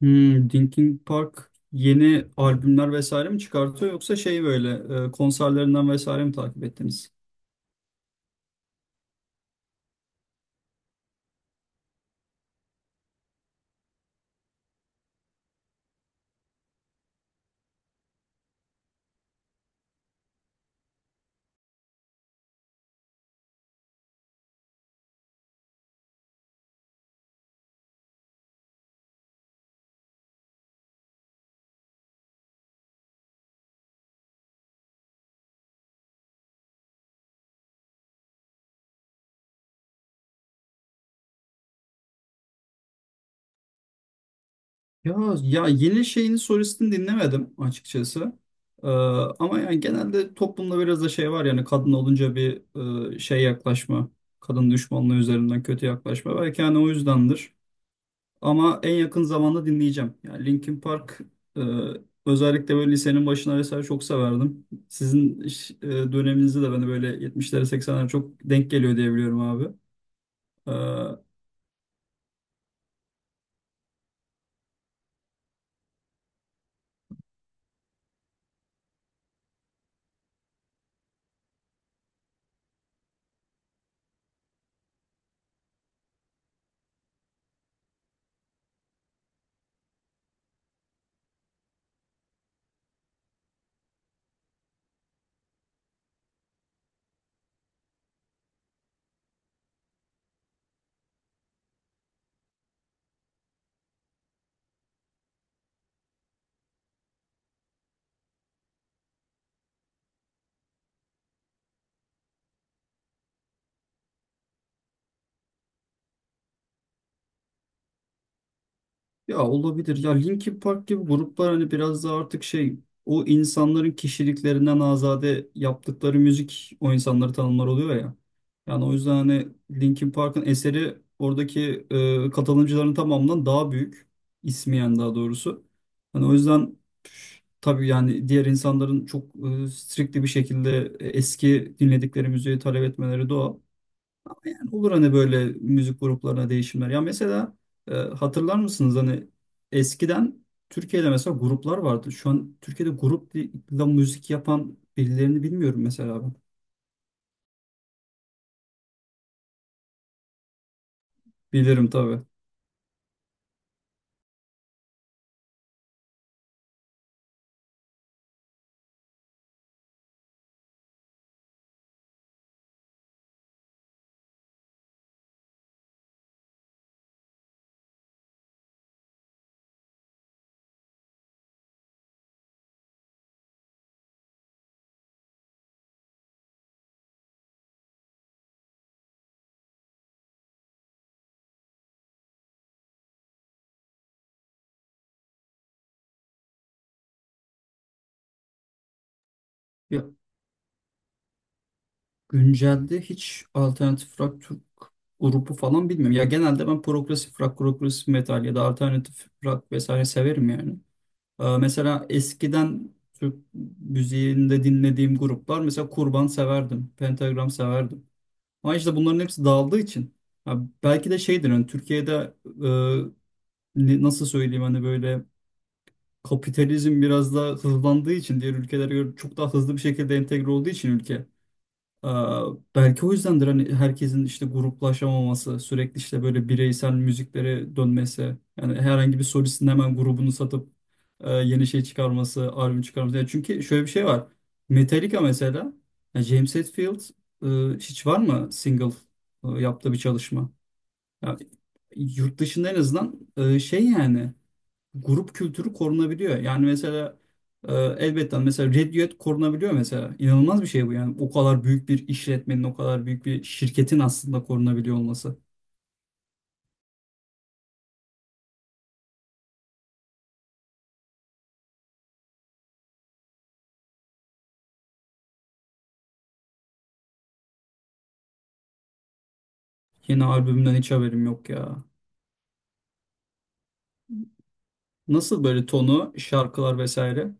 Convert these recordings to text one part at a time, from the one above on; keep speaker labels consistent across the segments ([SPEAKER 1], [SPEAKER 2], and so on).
[SPEAKER 1] Hmm, Linkin Park yeni albümler vesaire mi çıkartıyor yoksa şey böyle konserlerinden vesaire mi takip ettiniz? Ya ya yeni şeyini solistini dinlemedim açıkçası. Ee, Ama yani genelde toplumda biraz da şey var yani kadın olunca bir şey yaklaşma, kadın düşmanlığı üzerinden kötü yaklaşma. Belki yani o yüzdendir. Ama en yakın zamanda dinleyeceğim. Yani Linkin Park e, özellikle böyle lisenin başına vesaire çok severdim. Sizin döneminizde de bana böyle 70'lere 80'lere çok denk geliyor diye biliyorum abi. E, Ya olabilir. Ya Linkin Park gibi gruplar hani biraz da artık şey o insanların kişiliklerinden azade yaptıkları müzik o insanları tanımlar oluyor ya. Yani o yüzden hani Linkin Park'ın eseri oradaki katılımcıların tamamından daha büyük. İsmiyen daha doğrusu. Hani o yüzden püf, tabii yani diğer insanların çok strictly bir şekilde eski dinledikleri müziği talep etmeleri doğal. Olur hani böyle müzik gruplarına değişimler. Ya mesela hatırlar mısınız hani eskiden Türkiye'de mesela gruplar vardı. Şu an Türkiye'de grupla müzik yapan birilerini bilmiyorum mesela ben. Bilirim tabii. Ya güncelde hiç alternatif rock Türk grubu falan bilmiyorum. Ya genelde ben progresif rock, progresif metal ya da alternatif rock vesaire severim yani. Mesela eskiden Türk müziğinde dinlediğim gruplar mesela Kurban severdim, Pentagram severdim. Ama işte bunların hepsi dağıldığı için. Ya belki de şeydir hani Türkiye'de e, nasıl söyleyeyim hani böyle kapitalizm biraz daha hızlandığı için diğer ülkelere göre çok daha hızlı bir şekilde entegre olduğu için ülke. Ee, Belki o yüzdendir hani herkesin işte gruplaşamaması, sürekli işte böyle bireysel müziklere dönmesi. Yani herhangi bir solistin hemen grubunu satıp yeni şey çıkarması, albüm çıkarması. Yani çünkü şöyle bir şey var. Metallica mesela, yani James Hetfield hiç var mı single yaptığı bir çalışma? Yani yurt dışında en azından şey yani grup kültürü korunabiliyor. Yani mesela elbette mesela Red Duet korunabiliyor mesela. İnanılmaz bir şey bu yani. O kadar büyük bir işletmenin, o kadar büyük bir şirketin aslında korunabiliyor olması. Yeni albümden hiç haberim yok ya. Nasıl böyle tonu, şarkılar vesaire?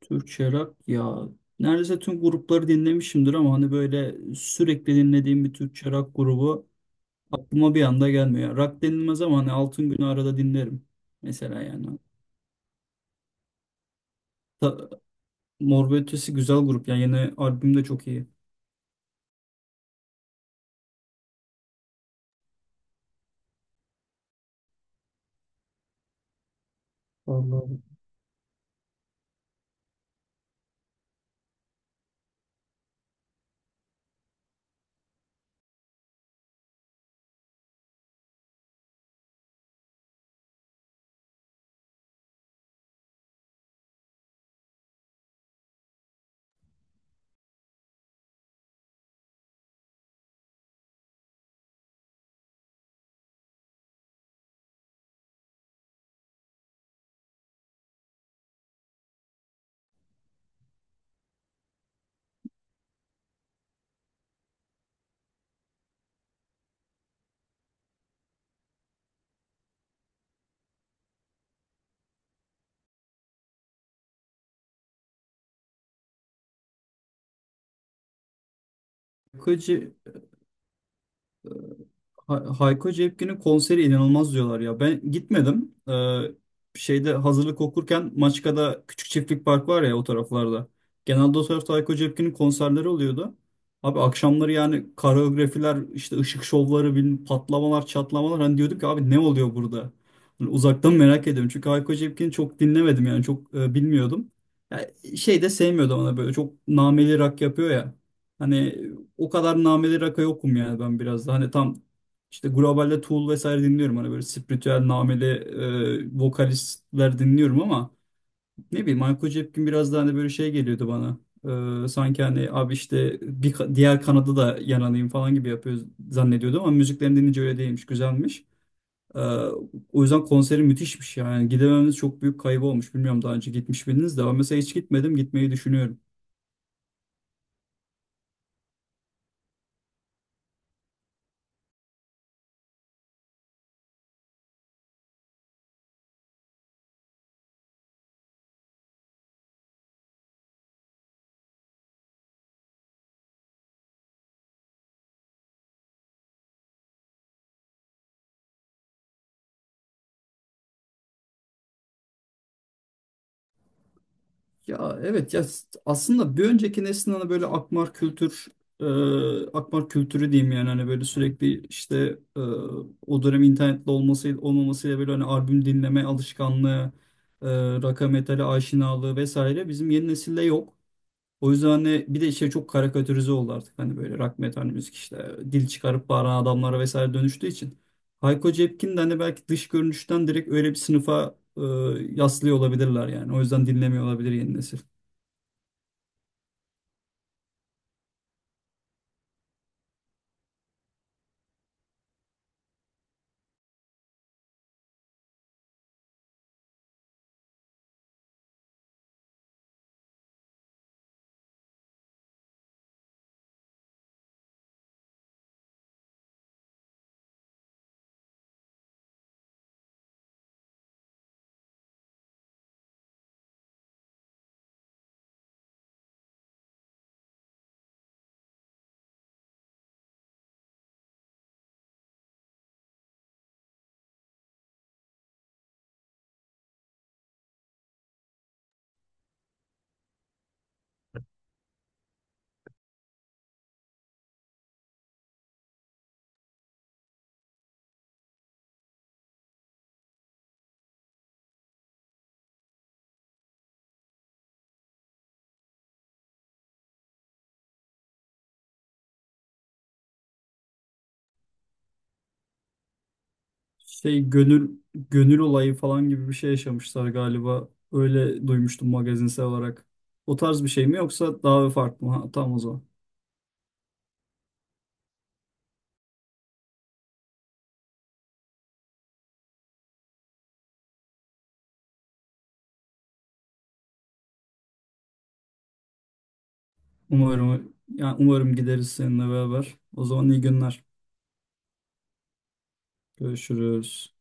[SPEAKER 1] Türkçe rock ya. Neredeyse tüm grupları dinlemişimdir ama hani böyle sürekli dinlediğim bir Türkçe rock grubu aklıma bir anda gelmiyor. Rock denilmez ama hani Altın Günü arada dinlerim. Mesela yani. Mor ve Ötesi güzel grup. Yani yeni albüm de çok iyi. Vallahi. Yakıcı Hayko Cepkin'in konseri inanılmaz diyorlar ya. Ben gitmedim. Şeyde hazırlık okurken Maçka'da Küçük Çiftlik Park var ya o taraflarda. Genelde o tarafta Hayko Cepkin'in konserleri oluyordu. Abi akşamları yani koreografiler, işte ışık şovları, bilmem, patlamalar, çatlamalar. Hani diyorduk ki abi ne oluyor burada? Hani uzaktan merak ediyorum. Çünkü Hayko Cepkin'i çok dinlemedim yani çok bilmiyordum. Ya, şey de sevmiyordum ona böyle çok nameli rock yapıyor ya. Hani o kadar nameli rock'a yokum yani ben biraz da. Hani tam işte globalde Tool vesaire dinliyorum. Hani böyle spiritüel nameli vokalistler dinliyorum ama ne bileyim Michael Jepkin biraz daha hani böyle şey geliyordu bana. Sanki hani abi işte diğer kanada da yananayım falan gibi yapıyor zannediyordum ama müziklerini dinleyince öyle değilmiş. Güzelmiş. E, O yüzden konseri müthişmiş yani. Gidemememiz çok büyük kaybı olmuş. Bilmiyorum daha önce gitmiş miydiniz de ben mesela hiç gitmedim. Gitmeyi düşünüyorum. Ya evet ya aslında bir önceki neslin hani böyle akmar kültür e, akmar kültürü diyeyim yani hani böyle sürekli işte e, o dönem internetli olması olmamasıyla böyle hani albüm dinleme alışkanlığı e, rock'a metale aşinalığı vesaire bizim yeni nesilde yok. O yüzden hani bir de işte çok karikatürize oldu artık hani böyle rock metal müzik işte dil çıkarıp bağıran adamlara vesaire dönüştüğü için. Hayko Cepkin de hani belki dış görünüşten direkt öyle bir sınıfa yaslıyor olabilirler yani. O yüzden dinlemiyor olabilir yeni nesil. Şey gönül gönül olayı falan gibi bir şey yaşamışlar galiba. Öyle duymuştum magazinsel olarak. O tarz bir şey mi yoksa daha farklı mı? Ha, tamam o zaman. Umarım yani umarım gideriz seninle beraber. O zaman iyi günler. Görüşürüz.